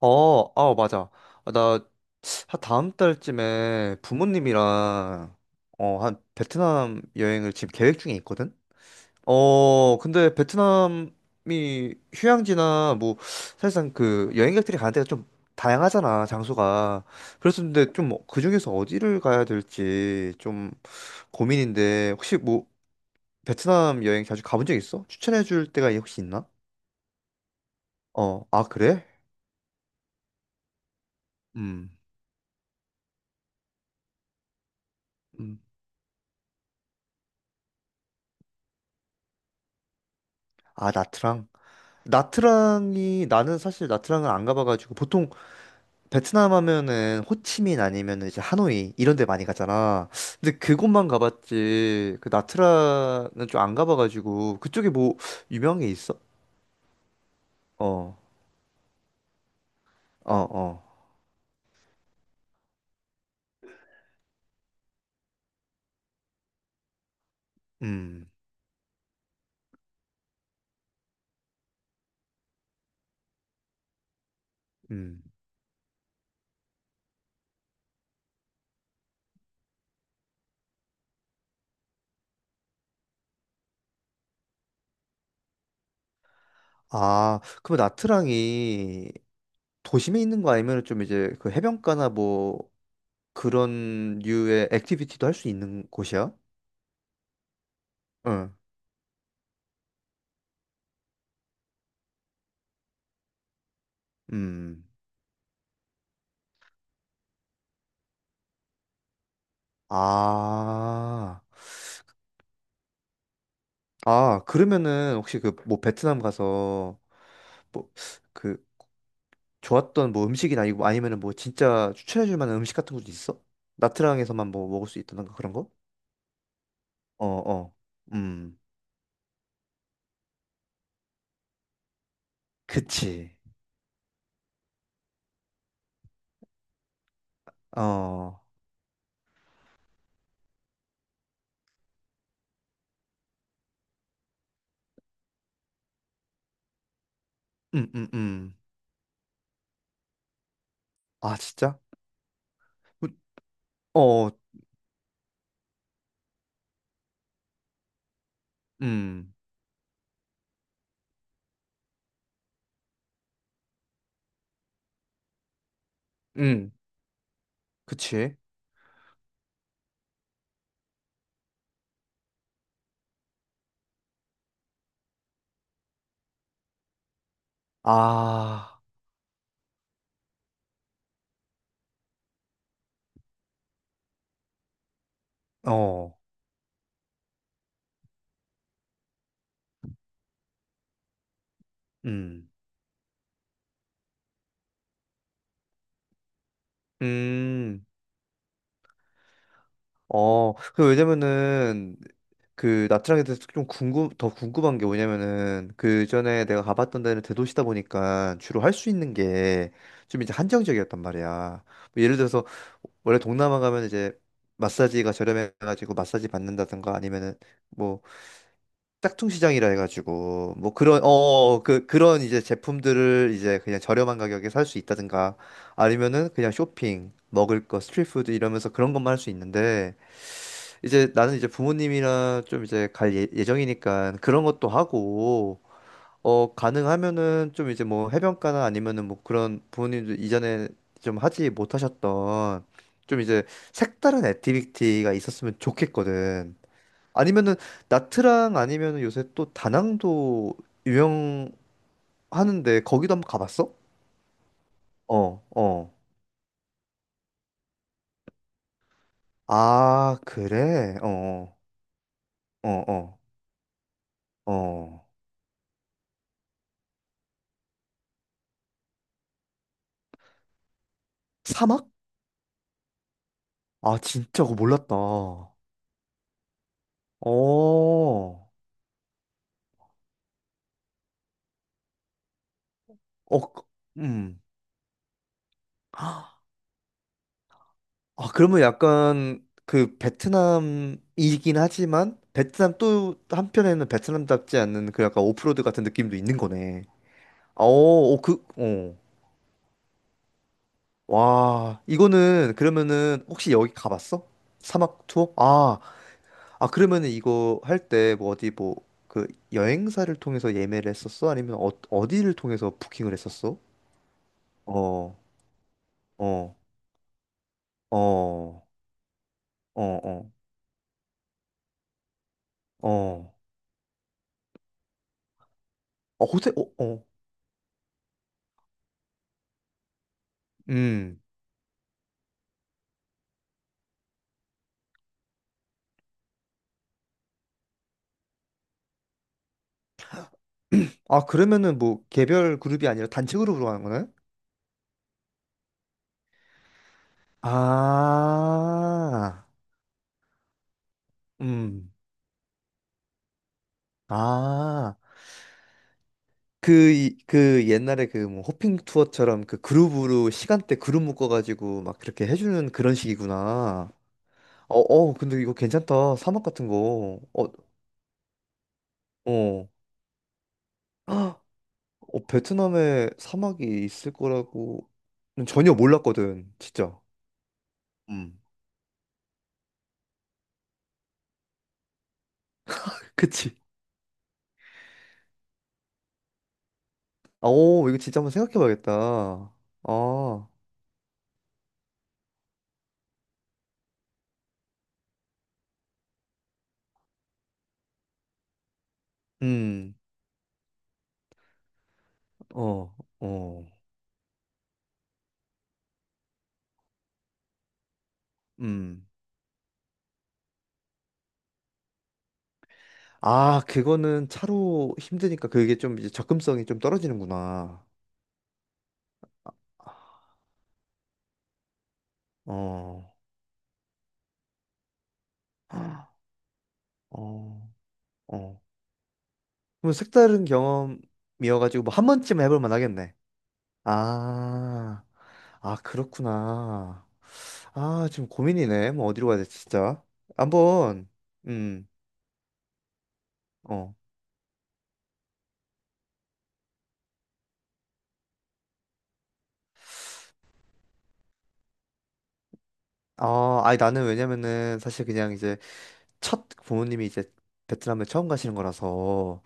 어, 아, 맞아. 아, 나 다음 달쯤에 부모님이랑 어, 한 베트남 여행을 지금 계획 중에 있거든. 어, 근데 베트남이 휴양지나 뭐 사실상 그 여행객들이 가는 데가 좀 다양하잖아, 장소가. 그래서 근데 좀 그 중에서 어디를 가야 될지 좀 고민인데 혹시 뭐 베트남 여행 자주 가본 적 있어? 추천해 줄 데가 혹시 있나? 어, 아, 그래? 음. 음. 아, 나트랑. 나트랑이 나는 사실 나트랑은 안 가봐가지고 보통 베트남 하면은 호치민 아니면은 이제 하노이 이런 데 많이 가잖아. 근데 그곳만 가봤지 그 나트랑은 좀 안 가봐가지고 그쪽에 뭐 유명한 게 있어? 어, 어, 어, 음, 음. 아, 그럼 나트랑이 도심에 있는 거 아니면 좀 이제 그 해변가나 뭐 그런 류의 액티비티도 할 수 있는 곳이야? 응, 음. 아. 아, 그러면은 혹시 그 뭐 베트남 가서 뭐 그 좋았던 뭐 음식이나 이거 아니면은 뭐 진짜 추천해 줄 만한 음식 같은 것도 있어? 나트랑에서만 뭐 먹을 수 있다던가 그런 거? 어, 어. 음. 그치. 어. 음, 음, 음. 아, 진짜? 우- 어, 음. 음. 그치. 아. 어. 음. 음. 어, 그 왜냐면은 그 나트랑에 대해서 좀 궁금 더 궁금한 게 뭐냐면은 그 전에 내가 가봤던 데는 대도시다 보니까 주로 할 수 있는 게 좀 이제 한정적이었단 말이야. 뭐 예를 들어서 원래 동남아 가면 이제 마사지가 저렴해가지고 마사지 받는다든가 아니면은 뭐 짝퉁시장이라 해가지고 뭐 그런 그 그런 이제 제품들을 이제 그냥 저렴한 가격에 살 수 있다든가 아니면은 그냥 쇼핑 먹을 거 스트리트푸드 이러면서 그런 것만 할 수 있는데 이제 나는 이제 부모님이랑 좀 이제 갈 예정이니까 그런 것도 하고 어 가능하면은 좀 이제 뭐 해변가나 아니면은 뭐 그런 부모님들 이전에 좀 하지 못하셨던 좀 이제 색다른 액티비티가 있었으면 좋겠거든. 아니면은 나트랑 아니면은 요새 또 다낭도 유명하는데 거기도 한번 가봤어? 어, 어. 아, 그래? 어, 어, 어, 어. 어. 사막? 아, 진짜 그거 몰랐다. 어, 어, 그- 음. 아, 그러면 약간 그 베트남이긴 하지만 베트남 또 한편에는 베트남답지 않는 그 약간 오프로드 같은 느낌도 있는 거네. 어, 어, 그, 어. 와, 이거는 그러면은 혹시 여기 가봤어? 사막 투어? 아, 아, 그러면은 이거 할 때 뭐 어디 뭐 그 여행사를 통해서 예매를 했었어? 아니면 어, 어디를 통해서 부킹을 했었어? 어, 어, 어, 어, 어, 어. 어, 호세, 어, 어. 음. 아, 그러면은 뭐 개별 그룹이 아니라 단체 그룹으로 하는 거나요? 아, 음. 아. 그 옛날에 그 뭐 호핑 투어처럼 그 그룹으로 시간대 그룹 묶어가지고 막 그렇게 해주는 그런 식이구나. 어, 어, 근데 이거 괜찮다. 사막 같은 거. 어, 어. 헉, 어, 베트남에 사막이 있을 거라고는 전혀 몰랐거든, 진짜. 음. 그치. 아, 오, 이거 진짜 한번 생각해 봐야겠다. 아, 음, 어, 어, 음. 아, 그거는 차로 힘드니까 그게 좀 이제 접근성이 좀 떨어지는구나. 어, 헉, 어, 어. 그럼 색다른 경험이어가지고 뭐 한 번쯤 해볼 만하겠네. 아, 아, 그렇구나. 아, 지금 고민이네. 뭐 어디로 가야 돼, 진짜. 한번, 음, 어. 아, 아니 나는 왜냐면은 사실 그냥 이제 첫 부모님이 이제 베트남에 처음 가시는 거라서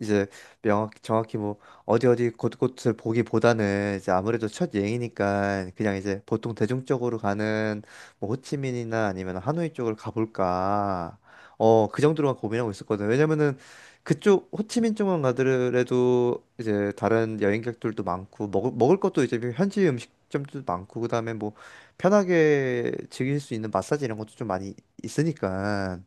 이제 명확 정확히 뭐 어디 어디 곳곳을 보기보다는 이제 아무래도 첫 여행이니까 그냥 이제 보통 대중적으로 가는 뭐 호치민이나 아니면 하노이 쪽을 가볼까 어 그 정도로만 고민하고 있었거든 왜냐면은 그쪽 호치민 쪽만 가더라도 이제 다른 여행객들도 많고 먹을 것도 이제 현지 음식점도 많고 그다음에 뭐 편하게 즐길 수 있는 마사지 이런 것도 좀 많이 있으니까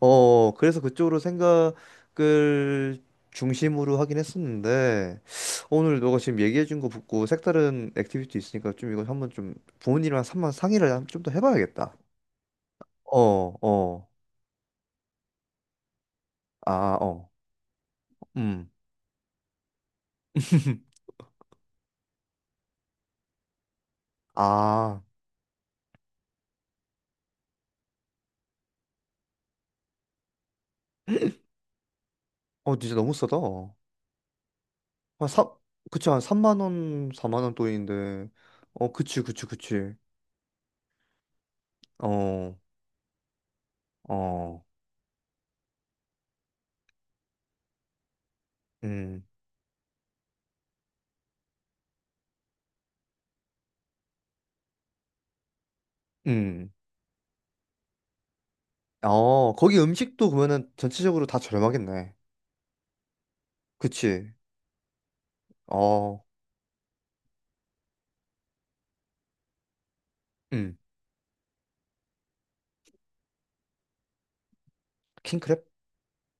어, 그래서 그쪽으로 생각을 중심으로 하긴 했었는데, 오늘 너가 지금 얘기해준 거 듣고 색다른 액티비티 있으니까 좀 이거 한번 좀 부모님이랑 한번 상의를 좀 더 해봐야겠다. 어, 어, 아, 어, 음. 아, 어, 진짜 너무 싸다. 한 사, 그치, 한 3만 원, 4만 원 돈인데. 어, 그치, 그치, 그치. 어, 어, 음, 음. 어, 거기 음식도 그러면은 전체적으로 다 저렴하겠네. 그치. 어, 음. 킹크랩?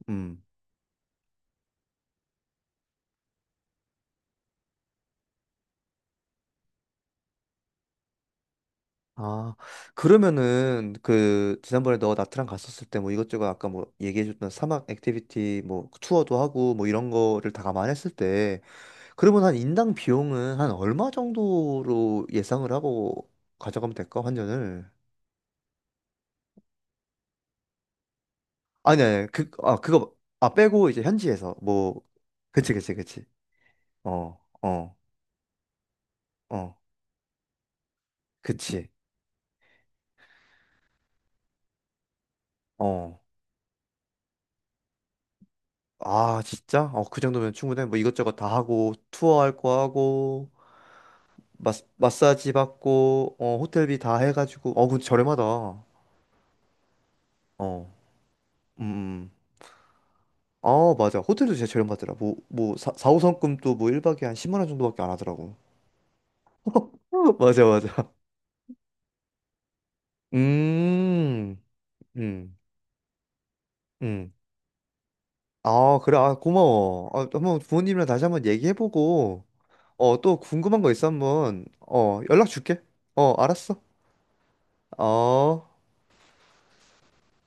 음. 아, 그러면은 그 지난번에 너 나트랑 갔었을 때 뭐 이것저것 아까 뭐 얘기해줬던 사막 액티비티 뭐 투어도 하고 뭐 이런 거를 다 감안했을 때 그러면 한 인당 비용은 한 얼마 정도로 예상을 하고 가져가면 될까? 환전을. 아니, 아니, 그거, 아, 빼고 이제 현지에서 뭐, 그치, 그치, 그치. 어, 어, 어, 그치. 어. 아, 진짜? 어, 그 정도면 충분해. 뭐 이것저것 다 하고, 투어 할 거 하고, 마사지 받고, 어, 호텔비 다 해가지고, 어, 근데 저렴하다. 어, 음, 음. 아, 맞아. 호텔도 진짜 저렴하더라. 뭐, 4, 5성급도 뭐 1박에 한 10만 원 정도밖에 안 하더라고. 맞아, 맞아. 음, 음, 음. 아, 그래. 아, 고마워. 아, 한번 부모님이랑 다시 한번 얘기해보고, 어, 또 궁금한 거 있어 한번, 어, 연락 줄게. 어, 알았어. 어.